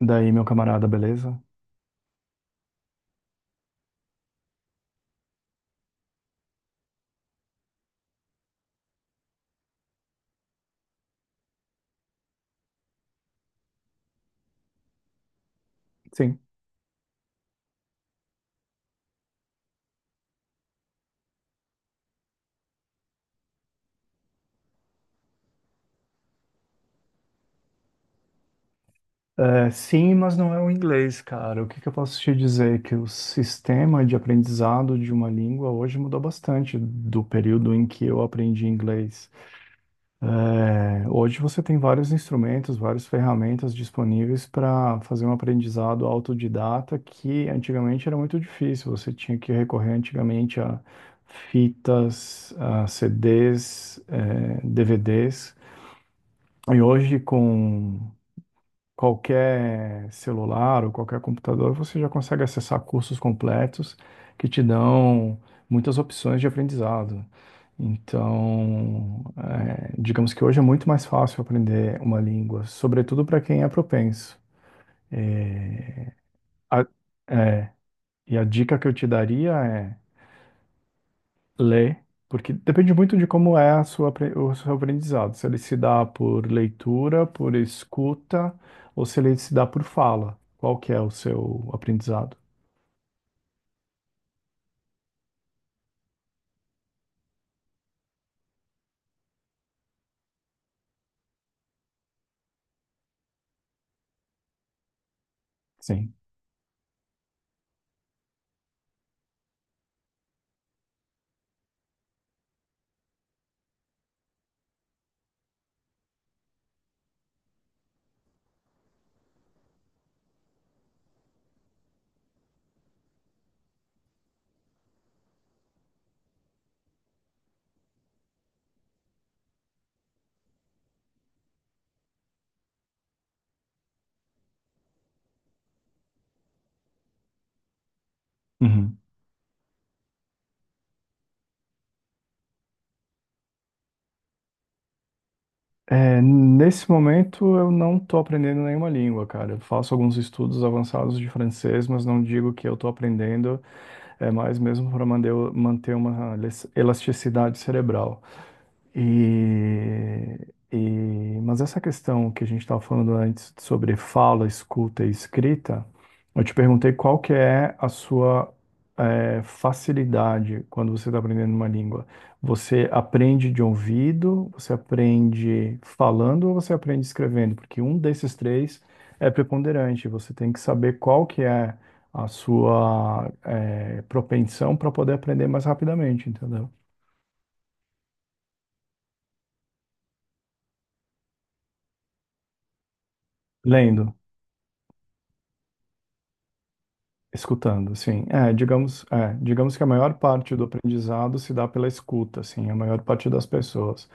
Daí, meu camarada, beleza? Sim. É, sim, mas não é o inglês, cara. O que que eu posso te dizer? Que o sistema de aprendizado de uma língua hoje mudou bastante do período em que eu aprendi inglês. Hoje você tem vários instrumentos, várias ferramentas disponíveis para fazer um aprendizado autodidata que antigamente era muito difícil. Você tinha que recorrer antigamente a fitas, a CDs, DVDs. E hoje, com qualquer celular ou qualquer computador, você já consegue acessar cursos completos que te dão muitas opções de aprendizado. Então, digamos que hoje é muito mais fácil aprender uma língua, sobretudo para quem é propenso. É, a- é, e a dica que eu te daria é ler, porque depende muito de como é a o seu aprendizado. Se ele se dá por leitura, por escuta, ou se ele se dá por fala. Qual que é o seu aprendizado? Sim. Uhum. É, nesse momento eu não estou aprendendo nenhuma língua, cara. Eu faço alguns estudos avançados de francês, mas não digo que eu estou aprendendo, é mais mesmo para manter uma elasticidade cerebral. E, mas essa questão que a gente estava falando antes sobre fala, escuta e escrita, eu te perguntei qual que é a sua facilidade quando você está aprendendo uma língua. Você aprende de ouvido, você aprende falando ou você aprende escrevendo? Porque um desses três é preponderante. Você tem que saber qual que é a sua propensão para poder aprender mais rapidamente, entendeu? Lendo. Escutando, sim. Digamos que a maior parte do aprendizado se dá pela escuta, assim, a maior parte das pessoas.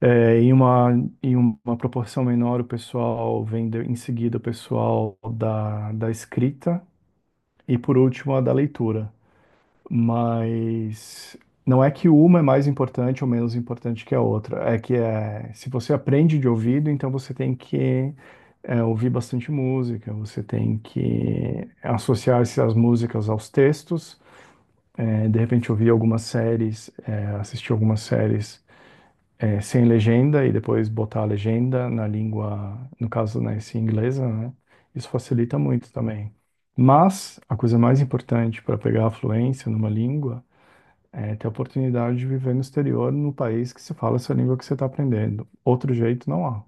É, em uma, Em uma proporção menor, o pessoal em seguida o pessoal da, da escrita e, por último, a da leitura. Mas não é que uma é mais importante ou menos importante que a outra. Se você aprende de ouvido, então você tem que ouvir bastante música, você tem que associar essas músicas aos textos, de repente ouvir algumas séries, assistir algumas séries sem legenda e depois botar a legenda na língua, no caso, né, se inglesa, né? Isso facilita muito também. Mas a coisa mais importante para pegar a fluência numa língua ter a oportunidade de viver no exterior, no país que se fala essa língua que você está aprendendo. Outro jeito não há.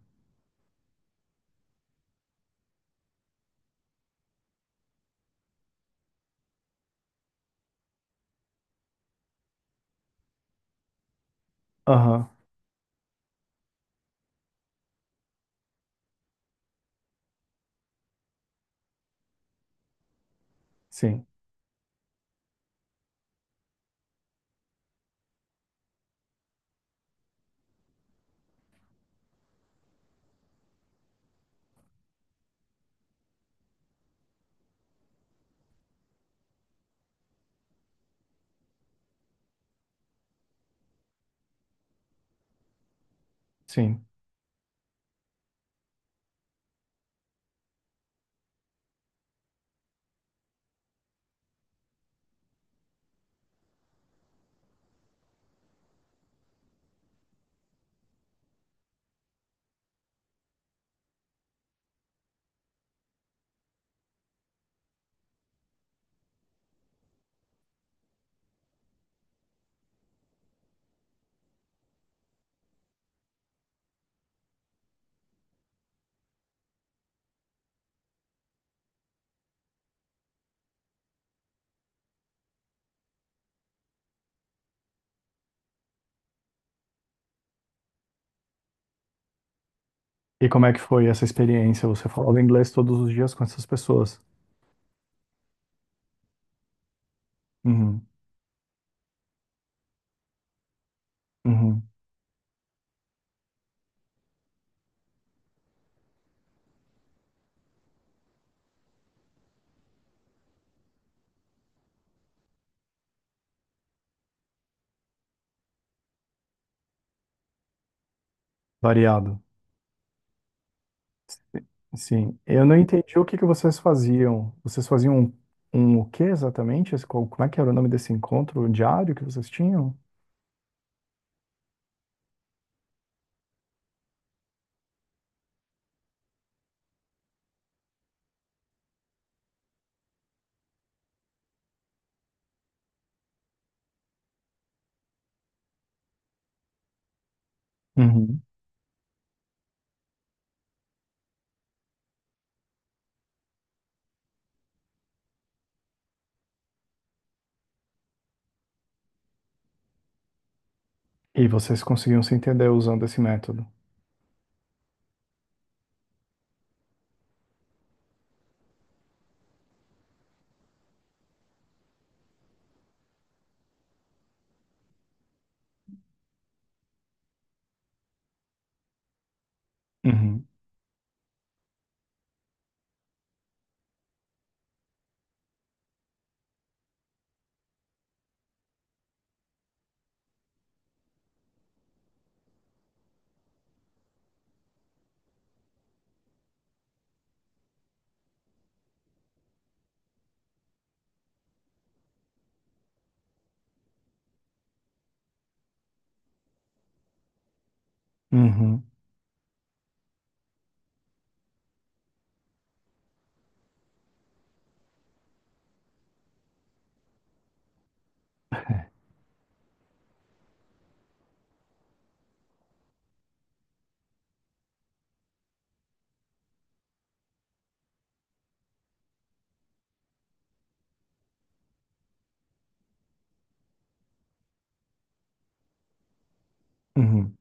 Aham, sim, sim. E como é que foi essa experiência? Você falava inglês todos os dias com essas pessoas? Uhum, uhum. Variado, sim. Eu não entendi o que que vocês faziam. O que exatamente? Como é que era o nome desse encontro diário que vocês tinham? Uhum. E vocês conseguiam se entender usando esse método? Uhum, uhum, uhum.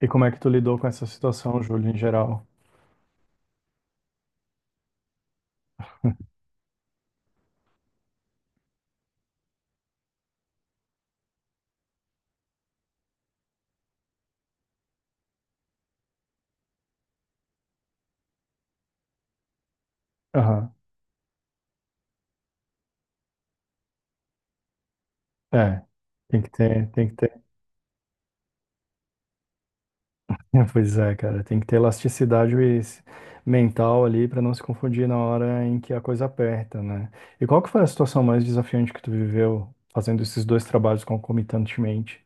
E como é que tu lidou com essa situação, Júlio, em geral? Aham. É, tem que ter, tem que ter. Pois é, cara, tem que ter mental ali para não se confundir na hora em que a coisa aperta, né? E qual que foi a situação mais desafiante que tu viveu fazendo esses dois trabalhos concomitantemente?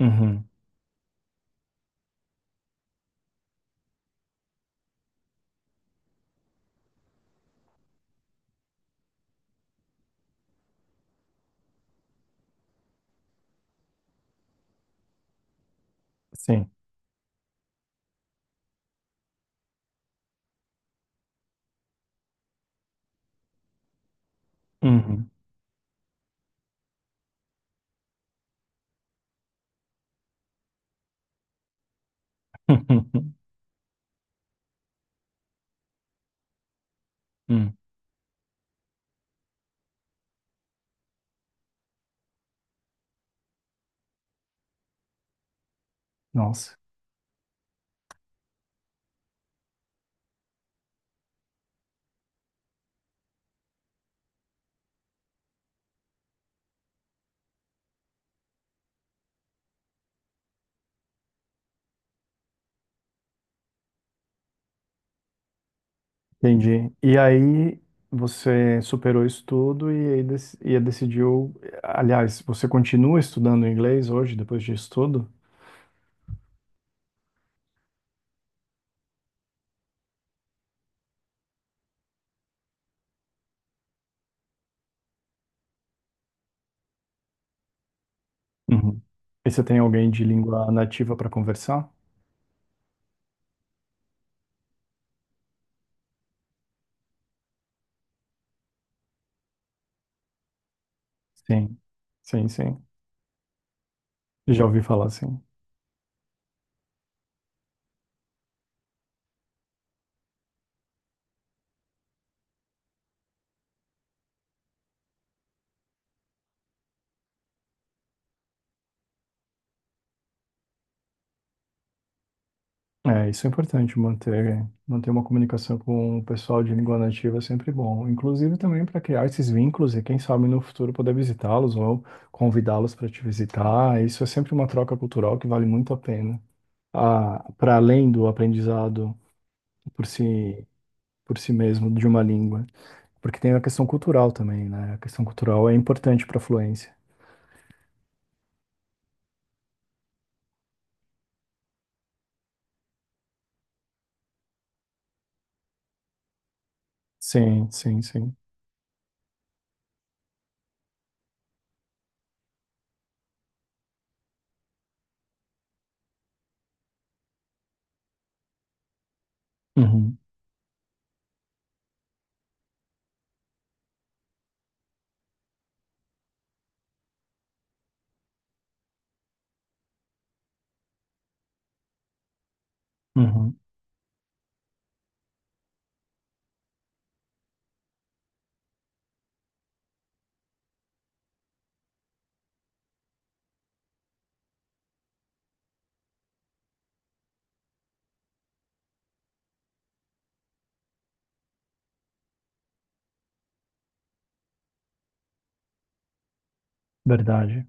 Uhum, sim. Uhum. Hum. Nossa, entendi. E aí você superou isso tudo e aí e decidiu, aliás, você continua estudando inglês hoje depois disso tudo? Uhum. E você tem alguém de língua nativa para conversar? Sim, sim, sim. Já ouvi falar, sim. É, isso é importante, manter, manter uma comunicação com o pessoal de língua nativa é sempre bom. Inclusive também para criar esses vínculos e quem sabe no futuro poder visitá-los ou convidá-los para te visitar. Isso é sempre uma troca cultural que vale muito a pena. Ah, para além do aprendizado por si, por si mesmo de uma língua. Porque tem a questão cultural também, né? A questão cultural é importante para fluência. Sim, sim, sim. Uhum, uhum. Verdade.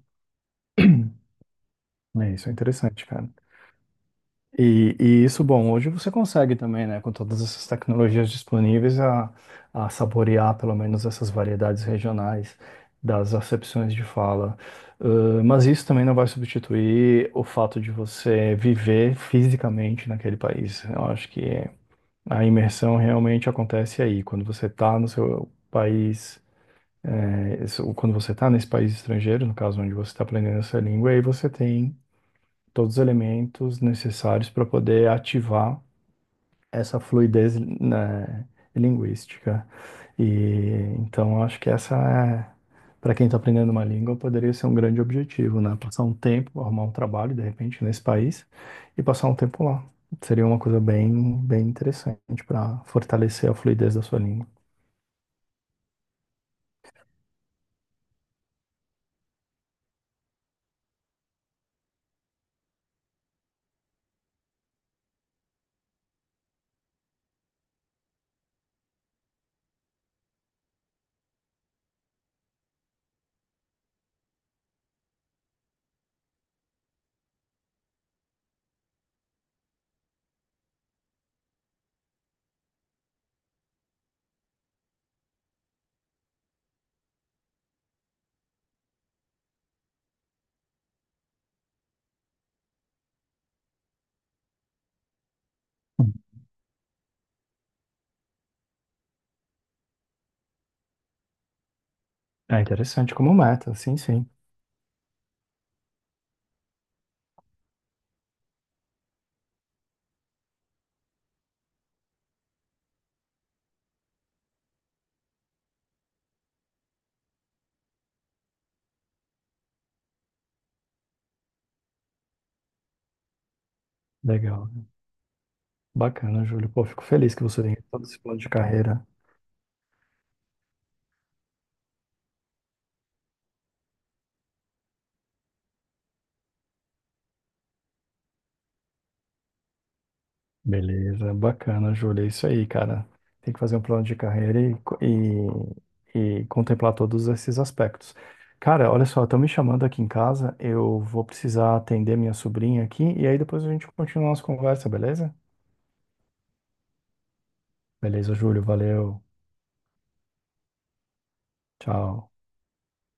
É, isso é interessante, cara. E isso, bom, hoje você consegue também, né, com todas essas tecnologias disponíveis, a saborear pelo menos essas variedades regionais das acepções de fala. Mas isso também não vai substituir o fato de você viver fisicamente naquele país. Eu acho que a imersão realmente acontece aí, quando você está no seu país, quando você está nesse país estrangeiro, no caso onde você está aprendendo essa língua, aí você tem todos os elementos necessários para poder ativar essa fluidez, né, linguística. E então eu acho que essa é, para quem está aprendendo uma língua, poderia ser um grande objetivo, né? Passar um tempo, arrumar um trabalho, de repente, nesse país e passar um tempo lá. Seria uma coisa bem, bem interessante para fortalecer a fluidez da sua língua. Hum. É interessante como meta, sim, sim. Legal. Bacana, Júlio. Pô, fico feliz que você tenha todo esse plano de carreira. Beleza, bacana, Júlia. É isso aí, cara. Tem que fazer um plano de carreira e contemplar todos esses aspectos. Cara, olha só, estão me chamando aqui em casa. Eu vou precisar atender minha sobrinha aqui e aí depois a gente continua a nossa conversa, beleza? Beleza, Júlio. Valeu. Tchau.